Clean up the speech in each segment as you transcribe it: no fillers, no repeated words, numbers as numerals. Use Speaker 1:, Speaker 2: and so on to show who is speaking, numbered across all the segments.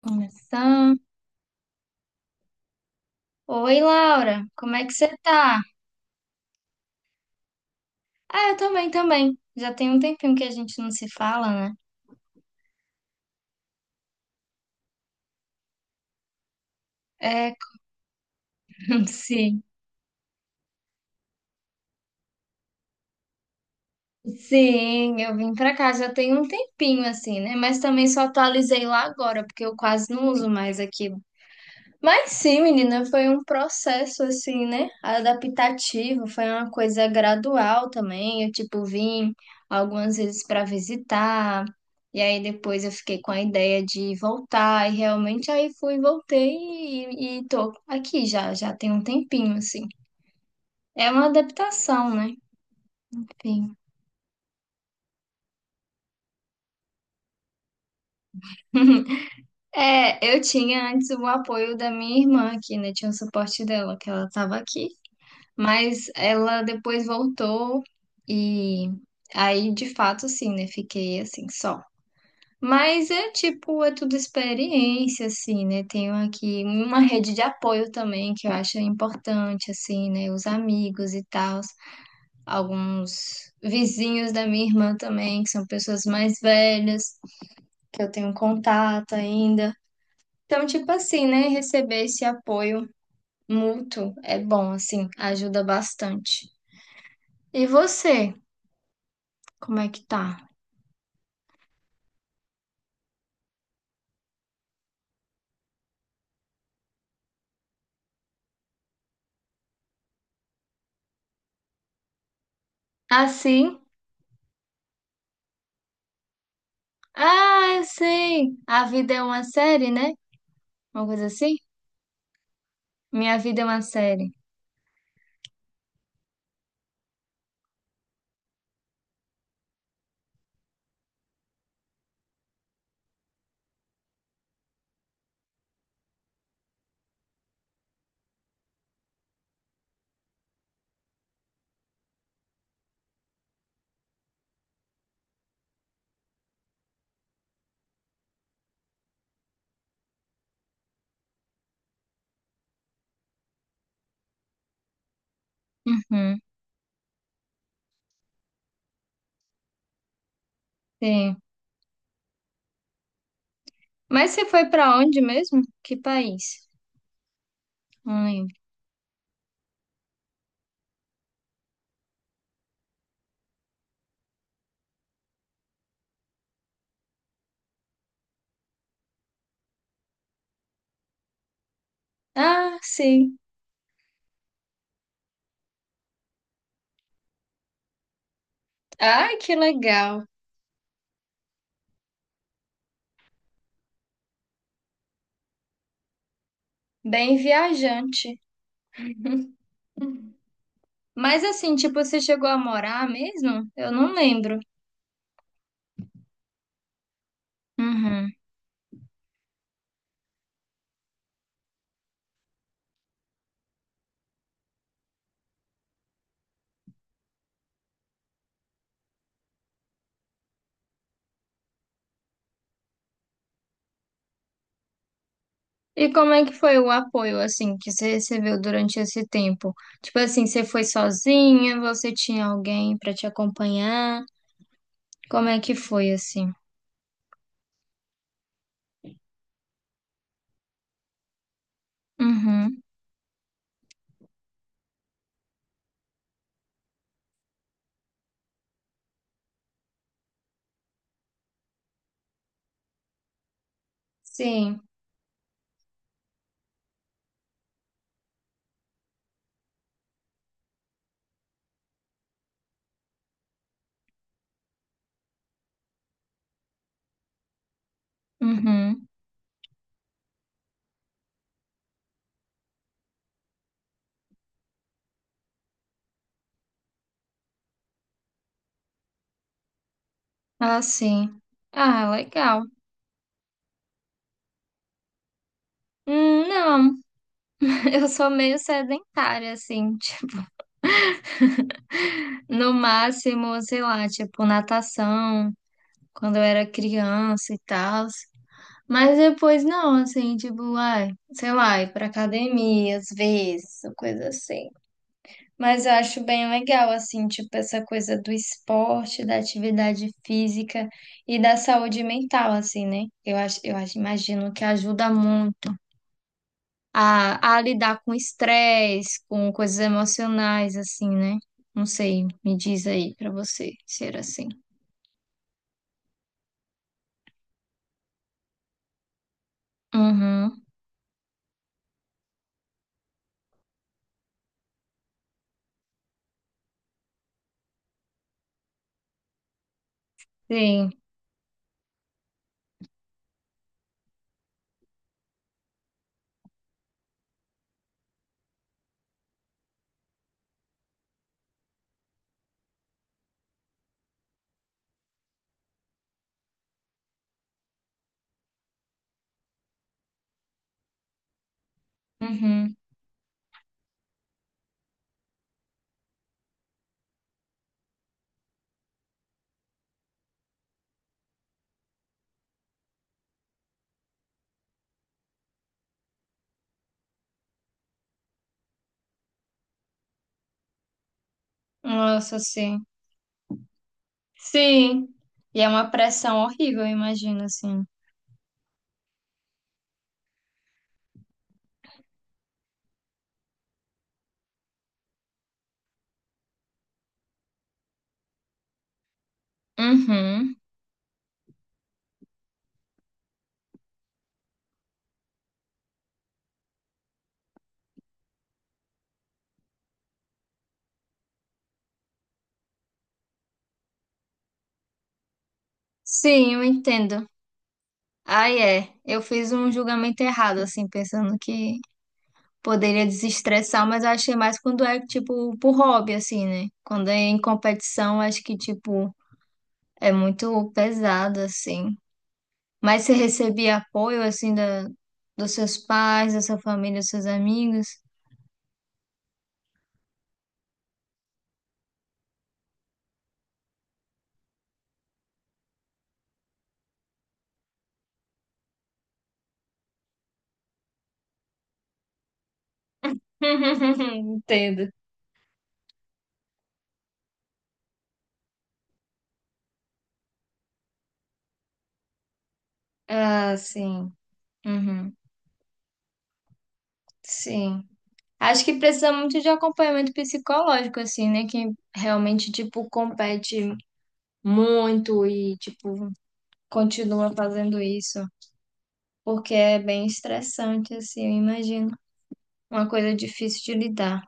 Speaker 1: Começar. Oi, Laura, como é que você tá? Ah, eu também, também. Já tem um tempinho que a gente não se fala, né? É, sim. Sim, eu vim pra cá já tem um tempinho, assim, né? Mas também só atualizei lá agora, porque eu quase não uso mais aqui. Mas sim, menina, foi um processo assim, né? Adaptativo, foi uma coisa gradual também. Eu, tipo, vim algumas vezes para visitar, e aí depois eu fiquei com a ideia de voltar, e realmente aí fui, voltei e tô aqui já, já tem um tempinho, assim. É uma adaptação, né? Enfim. É, eu tinha antes o apoio da minha irmã aqui, né? Tinha o suporte dela, que ela tava aqui. Mas ela depois voltou e aí de fato assim, né? Fiquei assim só. Mas é tipo, é tudo experiência, assim, né? Tenho aqui uma rede de apoio também que eu acho importante, assim, né? Os amigos e tal, alguns vizinhos da minha irmã também, que são pessoas mais velhas, que eu tenho contato ainda. Então, tipo assim, né? Receber esse apoio mútuo é bom, assim, ajuda bastante. E você? Como é que tá? Assim? Ah, eu sei. A vida é uma série, né? Uma coisa assim? Minha vida é uma série. Uhum, sim. Mas você foi pra onde mesmo? Que país? Não lembro. Ah, sim. Ai, que legal. Bem viajante. Mas assim, tipo, você chegou a morar mesmo? Eu não lembro. Uhum. E como é que foi o apoio, assim, que você recebeu durante esse tempo? Tipo assim, você foi sozinha? Você tinha alguém pra te acompanhar? Como é que foi assim? Uhum. Sim. Uhum. Ah, sim. Ah, legal. Não, eu sou meio sedentária, assim. tipo, no máximo, sei lá, tipo, natação, quando eu era criança e tal. Mas depois não, assim, tipo, ai, sei lá, ir pra academia às vezes, ou coisa assim. Mas eu acho bem legal, assim, tipo, essa coisa do esporte, da atividade física e da saúde mental, assim, né? Eu acho, imagino que ajuda muito a lidar com estresse, com coisas emocionais, assim, né? Não sei, me diz aí pra você se era assim. Uhum, sim, uhum. Nossa, sim. Sim. E é uma pressão horrível, eu imagino, assim. Uhum. Sim, eu entendo. Aí é, eu fiz um julgamento errado, assim, pensando que poderia desestressar, mas eu achei mais quando é, tipo, por hobby, assim, né? Quando é em competição, acho que, tipo, é muito pesado, assim. Mas você recebia apoio, assim, da, dos seus pais, da sua família, dos seus amigos? Entendo. Ah, sim. Uhum. Sim. Acho que precisa muito de acompanhamento psicológico, assim, né? Quem realmente, tipo, compete muito e, tipo, continua fazendo isso, porque é bem estressante, assim, eu imagino. Uma coisa difícil de lidar.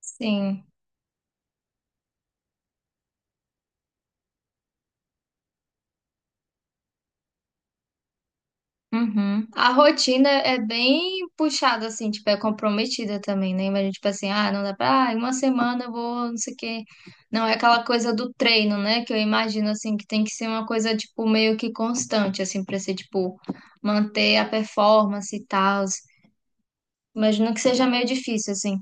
Speaker 1: Sim. Uhum. A rotina é bem puxada, assim, tipo, é comprometida também, né? Imagina, tipo assim, ah, não dá pra, ah, em uma semana eu vou, não sei o quê. Não é aquela coisa do treino, né? Que eu imagino, assim, que tem que ser uma coisa, tipo, meio que constante, assim, pra ser, tipo, manter a performance e tal. Imagino que seja meio difícil, assim.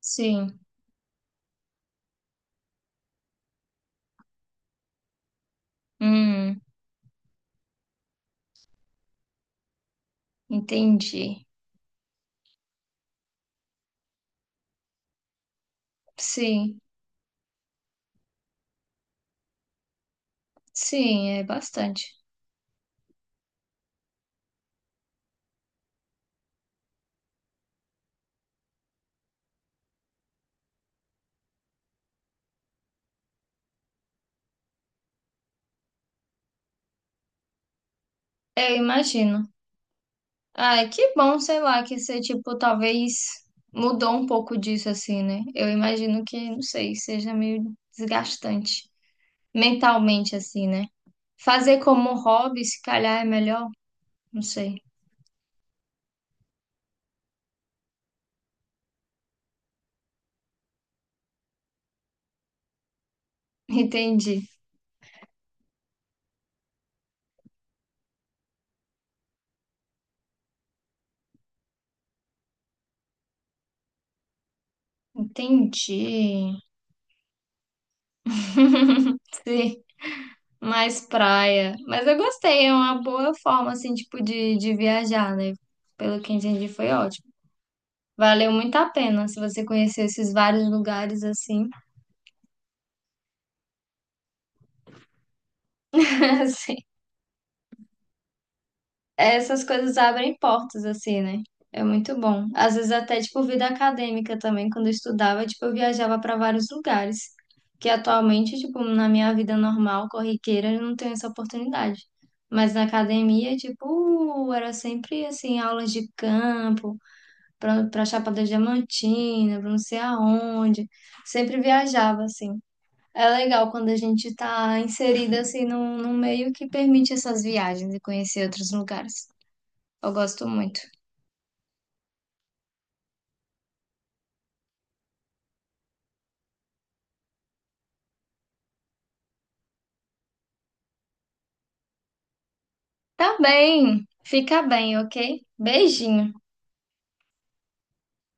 Speaker 1: Sim. Hum, entendi. Sim. Sim, é bastante. Eu imagino. Ai, que bom, sei lá, que você, tipo, talvez mudou um pouco disso, assim, né? Eu imagino que, não sei, seja meio desgastante mentalmente, assim, né? Fazer como hobby, se calhar, é melhor? Não sei. Entendi. Entendi. Sim, mais praia. Mas eu gostei, é uma boa forma, assim, tipo, de viajar, né? Pelo que entendi, foi ótimo. Valeu muito a pena se você conhecer esses vários lugares assim. Assim, essas coisas abrem portas assim, né? É muito bom. Às vezes até tipo vida acadêmica também, quando eu estudava, tipo eu viajava para vários lugares, que atualmente, tipo, na minha vida normal, corriqueira, eu não tenho essa oportunidade. Mas na academia, tipo, era sempre assim, aulas de campo, para Chapada Diamantina, para não sei aonde. Sempre viajava assim. É legal quando a gente está inserida assim num, num meio que permite essas viagens e conhecer outros lugares. Eu gosto muito. Tá bem, fica bem, ok? Beijinho.